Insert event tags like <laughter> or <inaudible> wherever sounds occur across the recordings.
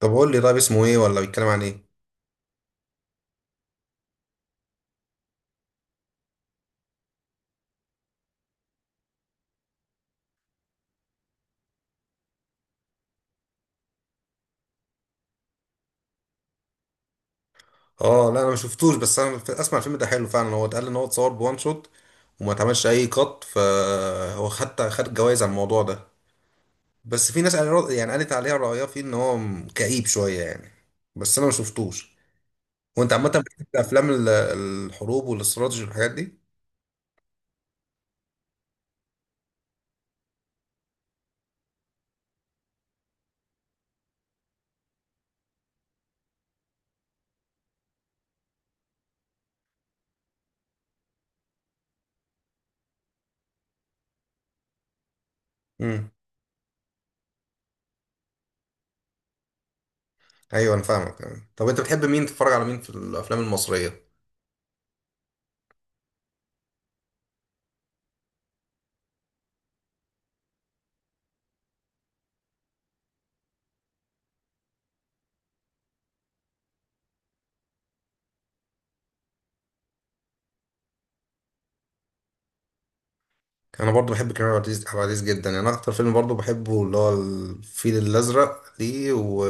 طب قول لي طيب اسمه ايه ولا بيتكلم عن ايه؟ اه لا انا ما شفتوش. بس انا اسمع الفيلم ده حلو فعلا، هو اتقال ان هو اتصور بوان شوت وما اتعملش اي قط، فهو حتى خد جوائز على الموضوع ده. بس في ناس يعني قالت عليها رأيها فيه ان هو كئيب شوية يعني. بس انا ما شفتوش. وانت عامة بتحب افلام الحروب والاستراتيجي والحاجات دي؟ امم. ايوه انا فاهمك. طب انت بتحب مين، تتفرج على مين في الافلام المصرية؟ انا برضو بحب كريم عبد العزيز عبد العزيز جدا يعني. أنا اكتر فيلم برضو بحبه اللي هو الفيل الازرق ليه، و...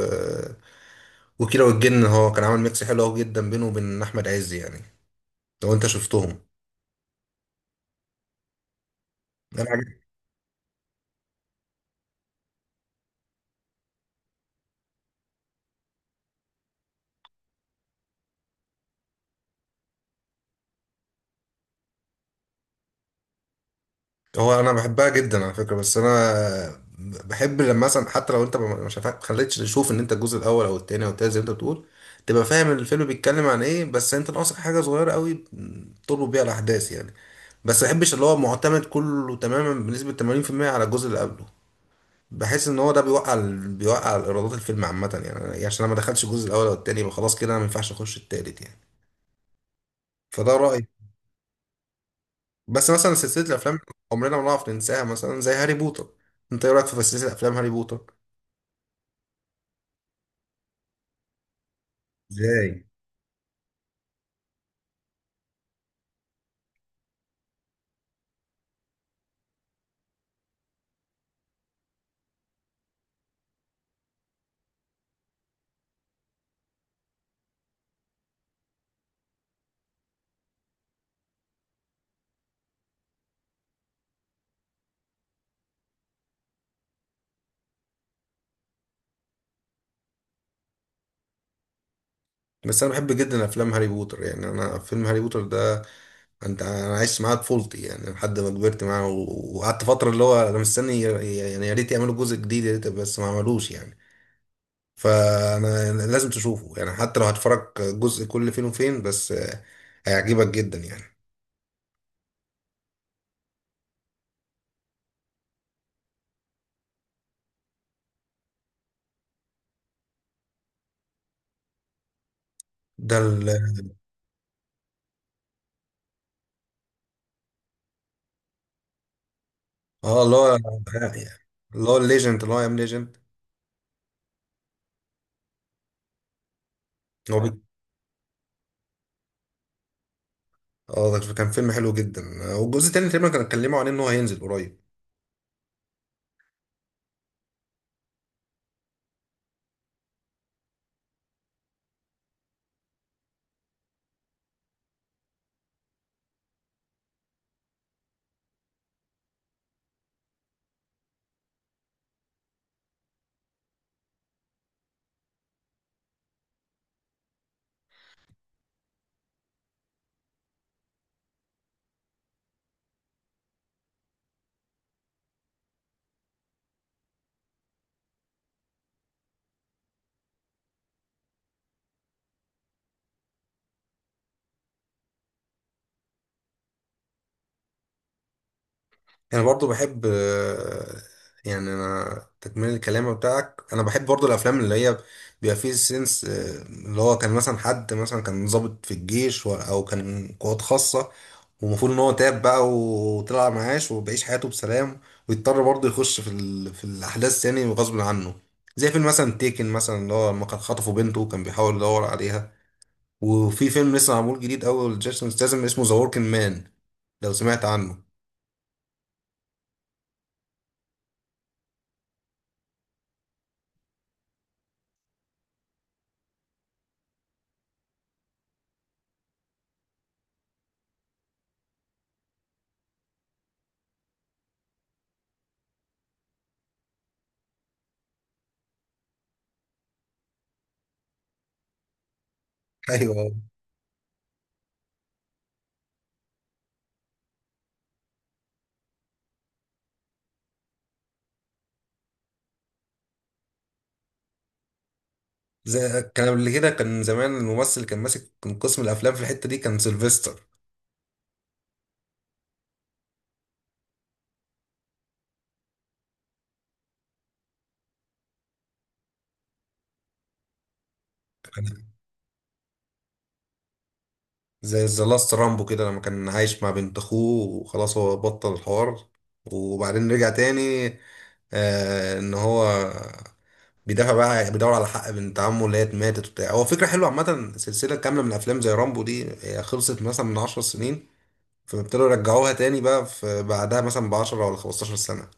وكيرة والجن. هو كان عامل ميكس حلو قوي جدا بينه وبين احمد عز يعني، لو انت شفتهم. انا عجب- هو انا بحبها جدا على فكره، بس انا بحب لما مثلا حتى لو انت ما مش هفا- خليتش تشوف ان انت الجزء الاول او التاني او التالت زي ما انت بتقول، تبقى فاهم الفيلم بيتكلم عن ايه، بس انت ناقصك حاجه صغيره قوي تربط بيها الاحداث يعني. بس ما بحبش اللي هو معتمد كله تماما بنسبه 80% على الجزء اللي قبله. بحس ان هو ده بيوقع ايرادات الفيلم عامه يعني، يعني عشان انا ما دخلتش الجزء الاول او التاني يبقى خلاص كده انا ما ينفعش اخش التالت يعني. فده رايي. بس مثلا سلسله الافلام عمرنا ما نعرف ننساها، مثلا زي هاري بوتر. انت ايه رايك في سلسله افلام هاري بوتر؟ ازاي؟ بس انا بحب جدا افلام هاري بوتر يعني. انا فيلم هاري بوتر ده انا عشت معاه طفولتي يعني، لحد ما كبرت معاه، و- وقعدت فتره اللي هو انا مستني يعني يا ريت يعملوا جزء جديد يا ريت، بس ما عملوش يعني. فانا لازم تشوفه يعني، حتى لو هتفرج جزء كل فين وفين، بس هيعجبك جدا يعني. ده ال اه اللي هو، اللي هو الليجند، اللي هو ام ليجند. هو بي- اه ده كان فيلم حلو جدا. والجزء التاني تقريبا كانوا اتكلموا عن ان هو هينزل قريب. انا برضو بحب، يعني انا تكمله الكلام بتاعك، انا بحب برضو الافلام اللي هي بيبقى فيه سنس، اللي هو كان مثلا حد مثلا كان ضابط في الجيش، او كان قوات خاصه ومفروض ان هو تاب بقى وطلع معاش وبيعيش حياته بسلام، ويضطر برضو يخش في في الاحداث يعني غصب عنه. زي فيلم مثلا تيكن مثلا اللي هو لما كان خطفوا بنته وكان بيحاول يدور عليها. وفي فيلم لسه معمول جديد اول جيسون ستاثام اسمه ذا وركينج مان، لو سمعت عنه. <laughs> ايوه، زي كان قبل كده، كان زمان الممثل اللي كان ماسك، كان قسم الافلام في الحته دي كان سيلفستر. كان زي ذا لاست رامبو كده لما كان عايش مع بنت اخوه وخلاص هو بطل الحوار، وبعدين رجع تاني. آه ان هو بيدافع بقى، بيدور على حق بنت عمه اللي هي ماتت وبتاع. هو فكره حلوه عامه سلسله كامله من افلام زي رامبو دي، هي خلصت مثلا من 10 سنين فابتدوا يرجعوها تاني بقى في بعدها مثلا ب 10 ولا 15 سنه.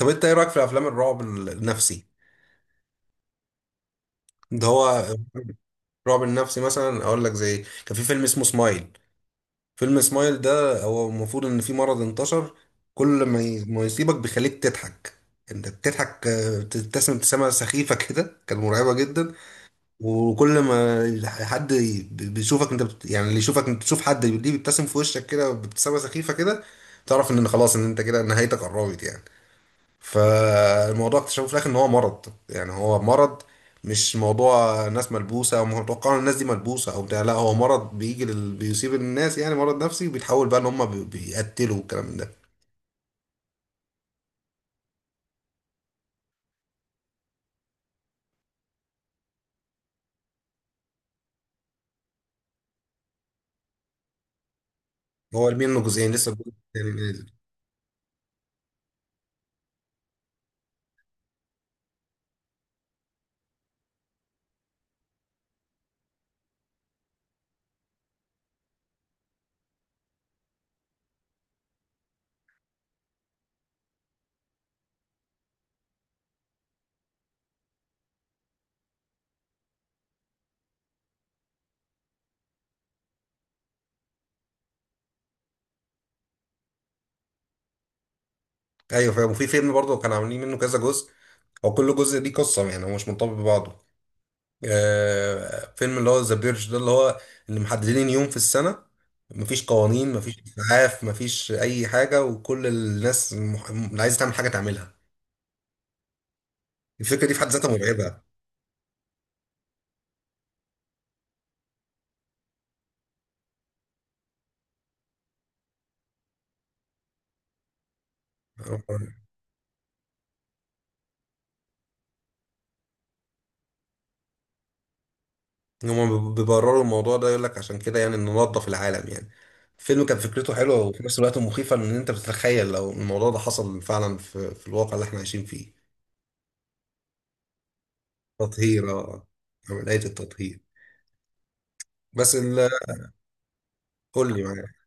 طب انت ايه رايك في افلام الرعب النفسي؟ ده هو رعب النفسي مثلا، اقول لك زي كان في فيلم اسمه سمايل. فيلم سمايل ده هو المفروض ان في مرض انتشر كل ما يصيبك بيخليك تضحك. انت بتضحك، بتبتسم ابتسامه سخيفه <laughs> كده، كانت مرعبه جدا. وكل ما بيشوفك انت يعني اللي يشوفك، انت تشوف حد ليه بيبتسم في وشك كده بابتسامه سخيفه كده، تعرف ان خلاص ان انت كده نهايتك قربت يعني. فالموضوع اكتشفوا في الاخر ان هو مرض، يعني هو مرض، مش موضوع ناس ملبوسه او متوقع ان الناس دي ملبوسه او بتاع. لا هو مرض بيجي بيصيب الناس يعني، مرض نفسي وبيتحول بقى ان هم بيقتلوا والكلام من ده. هو عاملين منه جزئين لسه، الجزء الثاني نازل. ايوه فاهم. وفي فيلم برضه كانوا عاملين منه كذا جزء، هو كل جزء ليه قصه يعني، هو مش منطبق ببعضه. فيلم اللي هو ذا بيرج ده، اللي هو اللي محددين يوم في السنة مفيش قوانين، مفيش إسعاف، مفيش أي حاجة، وكل الناس اللي عايزة تعمل حاجة تعملها. الفكرة دي في حد ذاتها مرعبة. هما بيبرروا الموضوع ده يقول لك عشان كده يعني ننظف العالم يعني. الفيلم كان فكرته حلوة وفي نفس الوقت مخيفة إن أنت بتتخيل لو الموضوع ده حصل فعلا في, الواقع اللي إحنا عايشين فيه. تطهير، عملية التطهير. بس ال- قول لي معايا.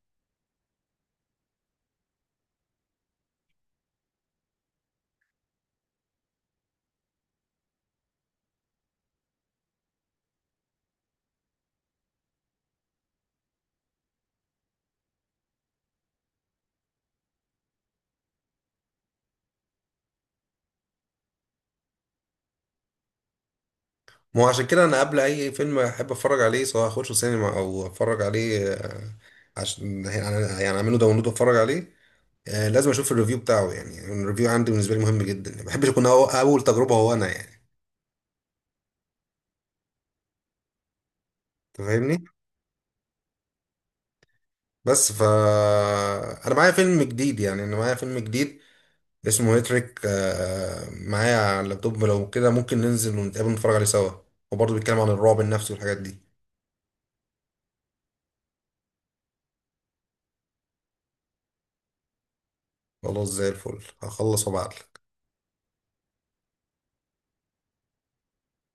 ما هو عشان كده انا قبل اي فيلم احب اتفرج عليه، سواء اخشه سينما او اتفرج عليه، عشان يعني يعني اعمله داونلود واتفرج عليه، لازم اشوف الريفيو بتاعه. يعني الريفيو عندي بالنسبه لي مهم جدا، ما بحبش اكون اول تجربه هو انا يعني، أنت فاهمني. بس ف انا معايا فيلم جديد، يعني انا معايا فيلم جديد اسمه هيتريك، معايا على اللابتوب. لو كده ممكن ننزل ونتقابل نتفرج عليه سوا، وبرضه بيتكلم عن الرعب النفسي والحاجات دي. خلاص زي الفل، هخلص وابعتلك.